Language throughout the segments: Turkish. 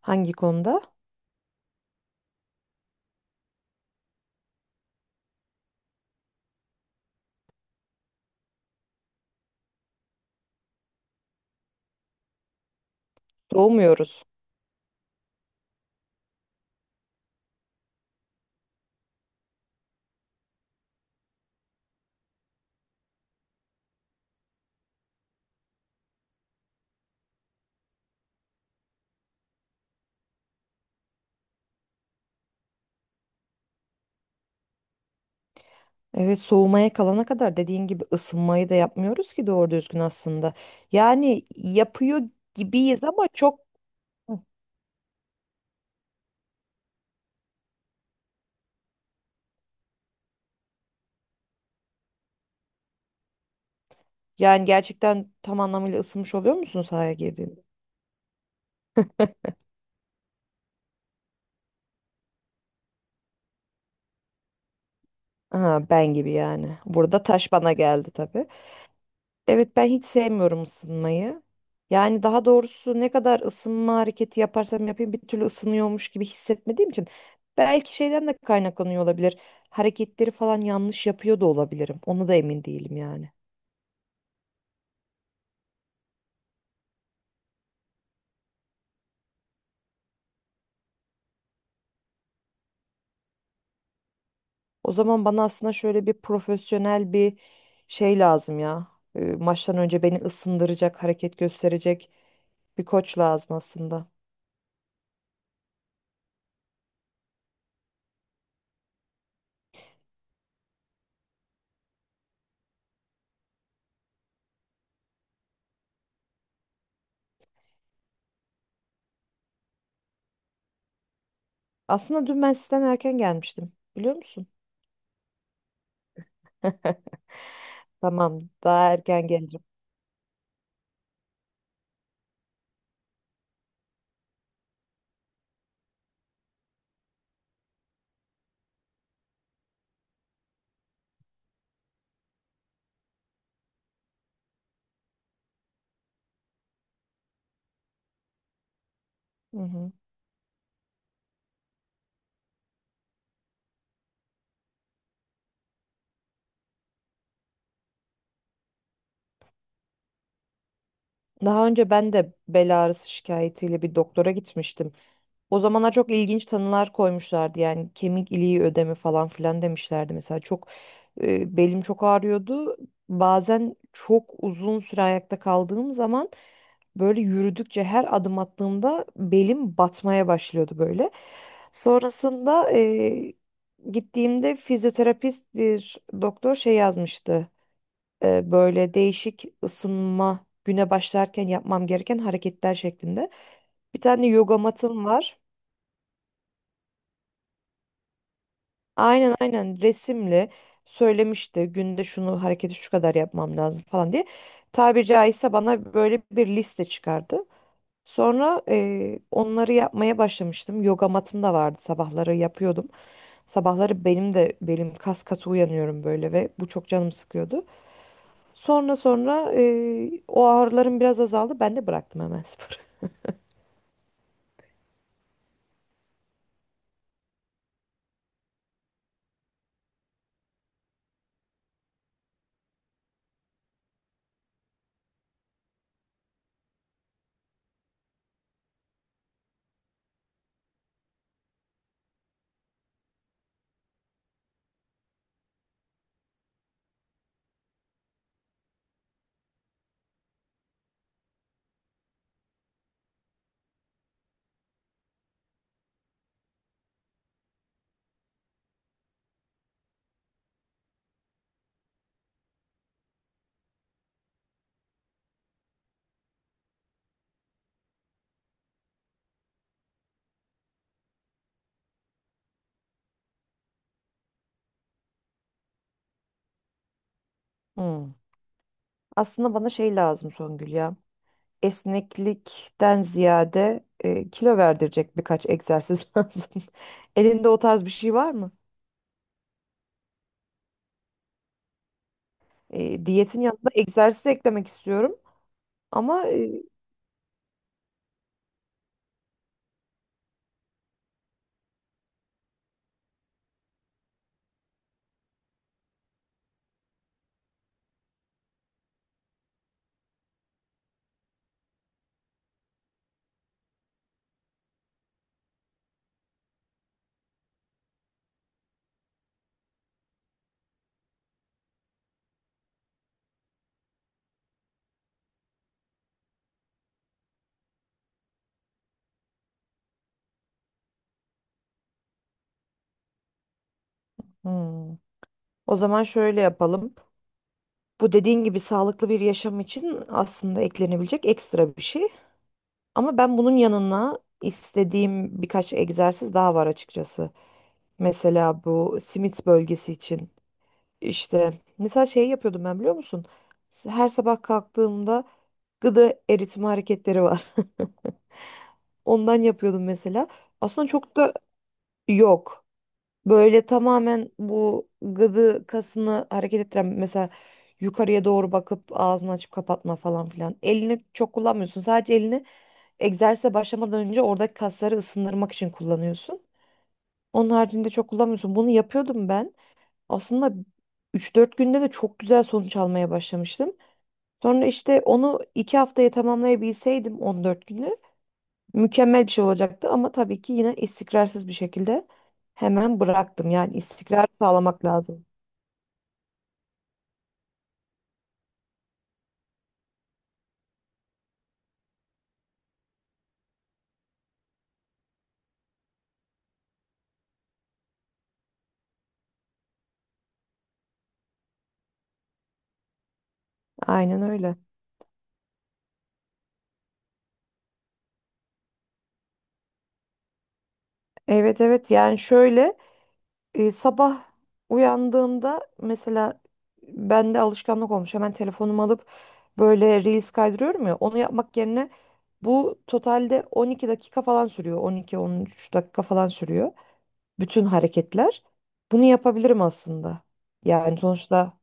Hangi konuda? Doğmuyoruz. Evet, soğumaya kalana kadar dediğin gibi ısınmayı da yapmıyoruz ki doğru düzgün aslında. Yani yapıyor gibiyiz ama çok... Hı. Yani gerçekten tam anlamıyla ısınmış oluyor musun sahaya girdiğinde? Ha, ben gibi yani. Burada taş bana geldi tabii. Evet, ben hiç sevmiyorum ısınmayı. Yani daha doğrusu ne kadar ısınma hareketi yaparsam yapayım bir türlü ısınıyormuş gibi hissetmediğim için belki şeyden de kaynaklanıyor olabilir. Hareketleri falan yanlış yapıyor da olabilirim. Onu da emin değilim yani. O zaman bana aslında şöyle bir profesyonel bir şey lazım ya. Maçtan önce beni ısındıracak, hareket gösterecek bir koç lazım aslında. Aslında dün ben sizden erken gelmiştim. Biliyor musun? Tamam, daha erken gelirim. Hı hı. Daha önce ben de bel ağrısı şikayetiyle bir doktora gitmiştim. O zamana çok ilginç tanılar koymuşlardı. Yani kemik iliği ödemi falan filan demişlerdi. Mesela çok belim çok ağrıyordu. Bazen çok uzun süre ayakta kaldığım zaman böyle yürüdükçe her adım attığımda belim batmaya başlıyordu böyle. Sonrasında gittiğimde fizyoterapist bir doktor şey yazmıştı, böyle değişik ısınma güne başlarken yapmam gereken hareketler şeklinde. Bir tane yoga matım var. Aynen, aynen, resimli söylemişti günde şunu hareketi şu kadar yapmam lazım falan diye. Tabiri caizse bana böyle bir liste çıkardı. Sonra onları yapmaya başlamıştım. Yoga matım da vardı, sabahları yapıyordum. Sabahları benim de belim kas katı uyanıyorum böyle ve bu çok canım sıkıyordu. Sonra o ağrılarım biraz azaldı. Ben de bıraktım hemen sporu. Hmm. Aslında bana şey lazım Songül ya. Esneklikten ziyade kilo verdirecek birkaç egzersiz lazım. Elinde o tarz bir şey var mı? Diyetin yanında egzersiz eklemek istiyorum. Ama. Hmm. O zaman şöyle yapalım. Bu dediğin gibi sağlıklı bir yaşam için aslında eklenebilecek ekstra bir şey. Ama ben bunun yanına istediğim birkaç egzersiz daha var açıkçası. Mesela bu simit bölgesi için işte mesela şey yapıyordum ben, biliyor musun? Her sabah kalktığımda gıda eritme hareketleri var. Ondan yapıyordum mesela. Aslında çok da yok. Böyle tamamen bu gıdı kasını hareket ettiren mesela yukarıya doğru bakıp ağzını açıp kapatma falan filan. Elini çok kullanmıyorsun. Sadece elini egzersize başlamadan önce oradaki kasları ısındırmak için kullanıyorsun. Onun haricinde çok kullanmıyorsun. Bunu yapıyordum ben. Aslında üç dört günde de çok güzel sonuç almaya başlamıştım. Sonra işte onu 2 haftaya tamamlayabilseydim, 14 günü, mükemmel bir şey olacaktı ama tabii ki yine istikrarsız bir şekilde hemen bıraktım. Yani istikrar sağlamak lazım. Aynen öyle. Evet, evet, yani şöyle, sabah uyandığımda mesela bende alışkanlık olmuş. Hemen telefonumu alıp böyle reels kaydırıyorum ya, onu yapmak yerine bu totalde 12 dakika falan sürüyor. 12-13 dakika falan sürüyor. Bütün hareketler. Bunu yapabilirim aslında. Yani sonuçta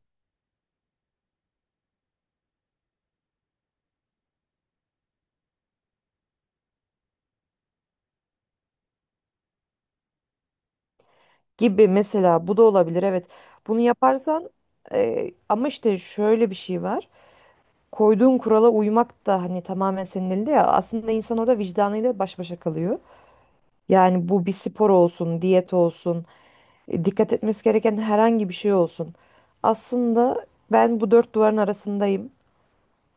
gibi mesela bu da olabilir. Evet. Bunu yaparsan ama işte şöyle bir şey var. Koyduğun kurala uymak da hani tamamen senin elinde ya. Aslında insan orada vicdanıyla baş başa kalıyor. Yani bu bir spor olsun, diyet olsun, dikkat etmesi gereken herhangi bir şey olsun. Aslında ben bu dört duvarın arasındayım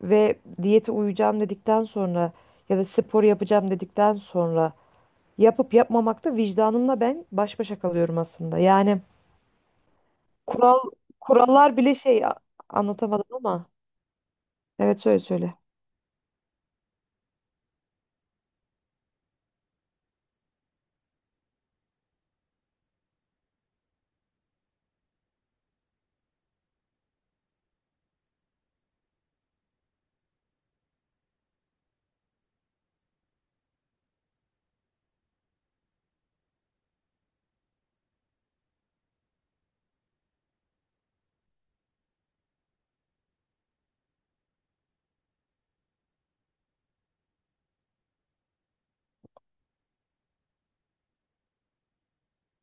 ve diyete uyacağım dedikten sonra ya da spor yapacağım dedikten sonra yapıp yapmamakta vicdanımla ben baş başa kalıyorum aslında. Yani kural kurallar bile şey, anlatamadım ama. Evet, söyle söyle.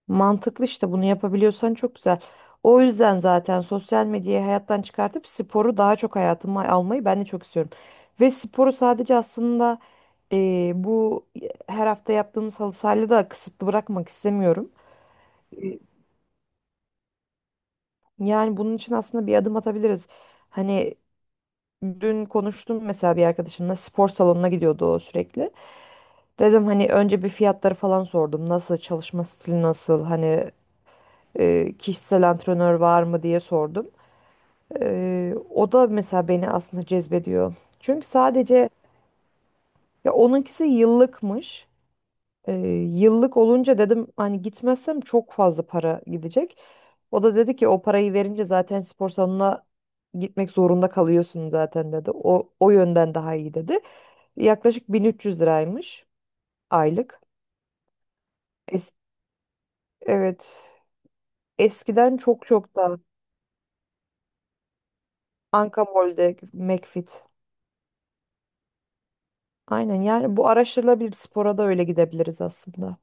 Mantıklı, işte bunu yapabiliyorsan çok güzel. O yüzden zaten sosyal medyayı hayattan çıkartıp sporu daha çok hayatıma almayı ben de çok istiyorum. Ve sporu sadece aslında bu her hafta yaptığımız halı sahayla da kısıtlı bırakmak istemiyorum. Yani bunun için aslında bir adım atabiliriz. Hani dün konuştum mesela bir arkadaşımla, spor salonuna gidiyordu o sürekli. Dedim, hani önce bir fiyatları falan sordum. Nasıl çalışma stili, nasıl, hani kişisel antrenör var mı diye sordum. O da mesela beni aslında cezbediyor. Çünkü sadece ya onunkisi yıllıkmış. Ee, Yıllık olunca dedim hani gitmezsem çok fazla para gidecek. O da dedi ki, o parayı verince zaten spor salonuna gitmek zorunda kalıyorsun zaten dedi. O yönden daha iyi dedi. Yaklaşık 1300 liraymış aylık. Es- evet, eskiden çok çok daha... Anka Mall'de McFit. Aynen, yani bu araştırılabilir, spora da öyle gidebiliriz aslında.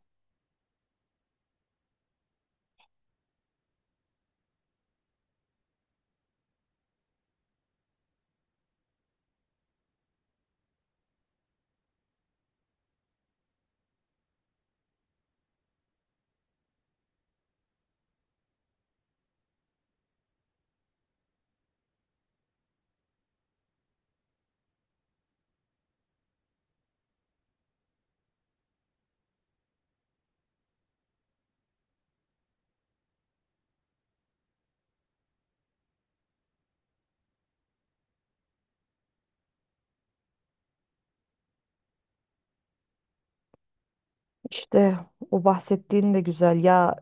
İşte o bahsettiğin de güzel ya.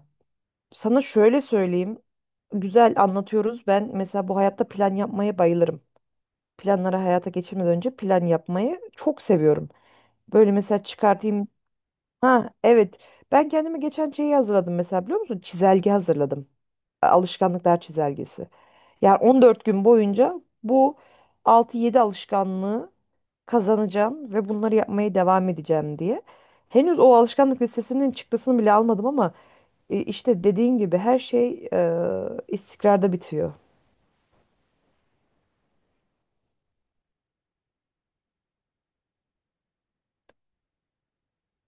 Sana şöyle söyleyeyim. Güzel anlatıyoruz. Ben mesela bu hayatta plan yapmaya bayılırım. Planları hayata geçirmeden önce plan yapmayı çok seviyorum. Böyle mesela çıkartayım. Ha, evet. Ben kendime geçen şeyi hazırladım mesela, biliyor musun? Çizelge hazırladım. Alışkanlıklar çizelgesi. Yani 14 gün boyunca bu altı yedi alışkanlığı kazanacağım ve bunları yapmaya devam edeceğim diye. Henüz o alışkanlık listesinin çıktısını bile almadım ama İşte dediğin gibi her şey istikrarda bitiyor.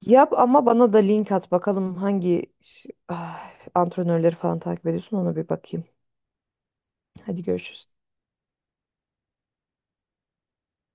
Yap ama bana da link at bakalım, hangi antrenörleri falan takip ediyorsun, ona bir bakayım. Hadi görüşürüz.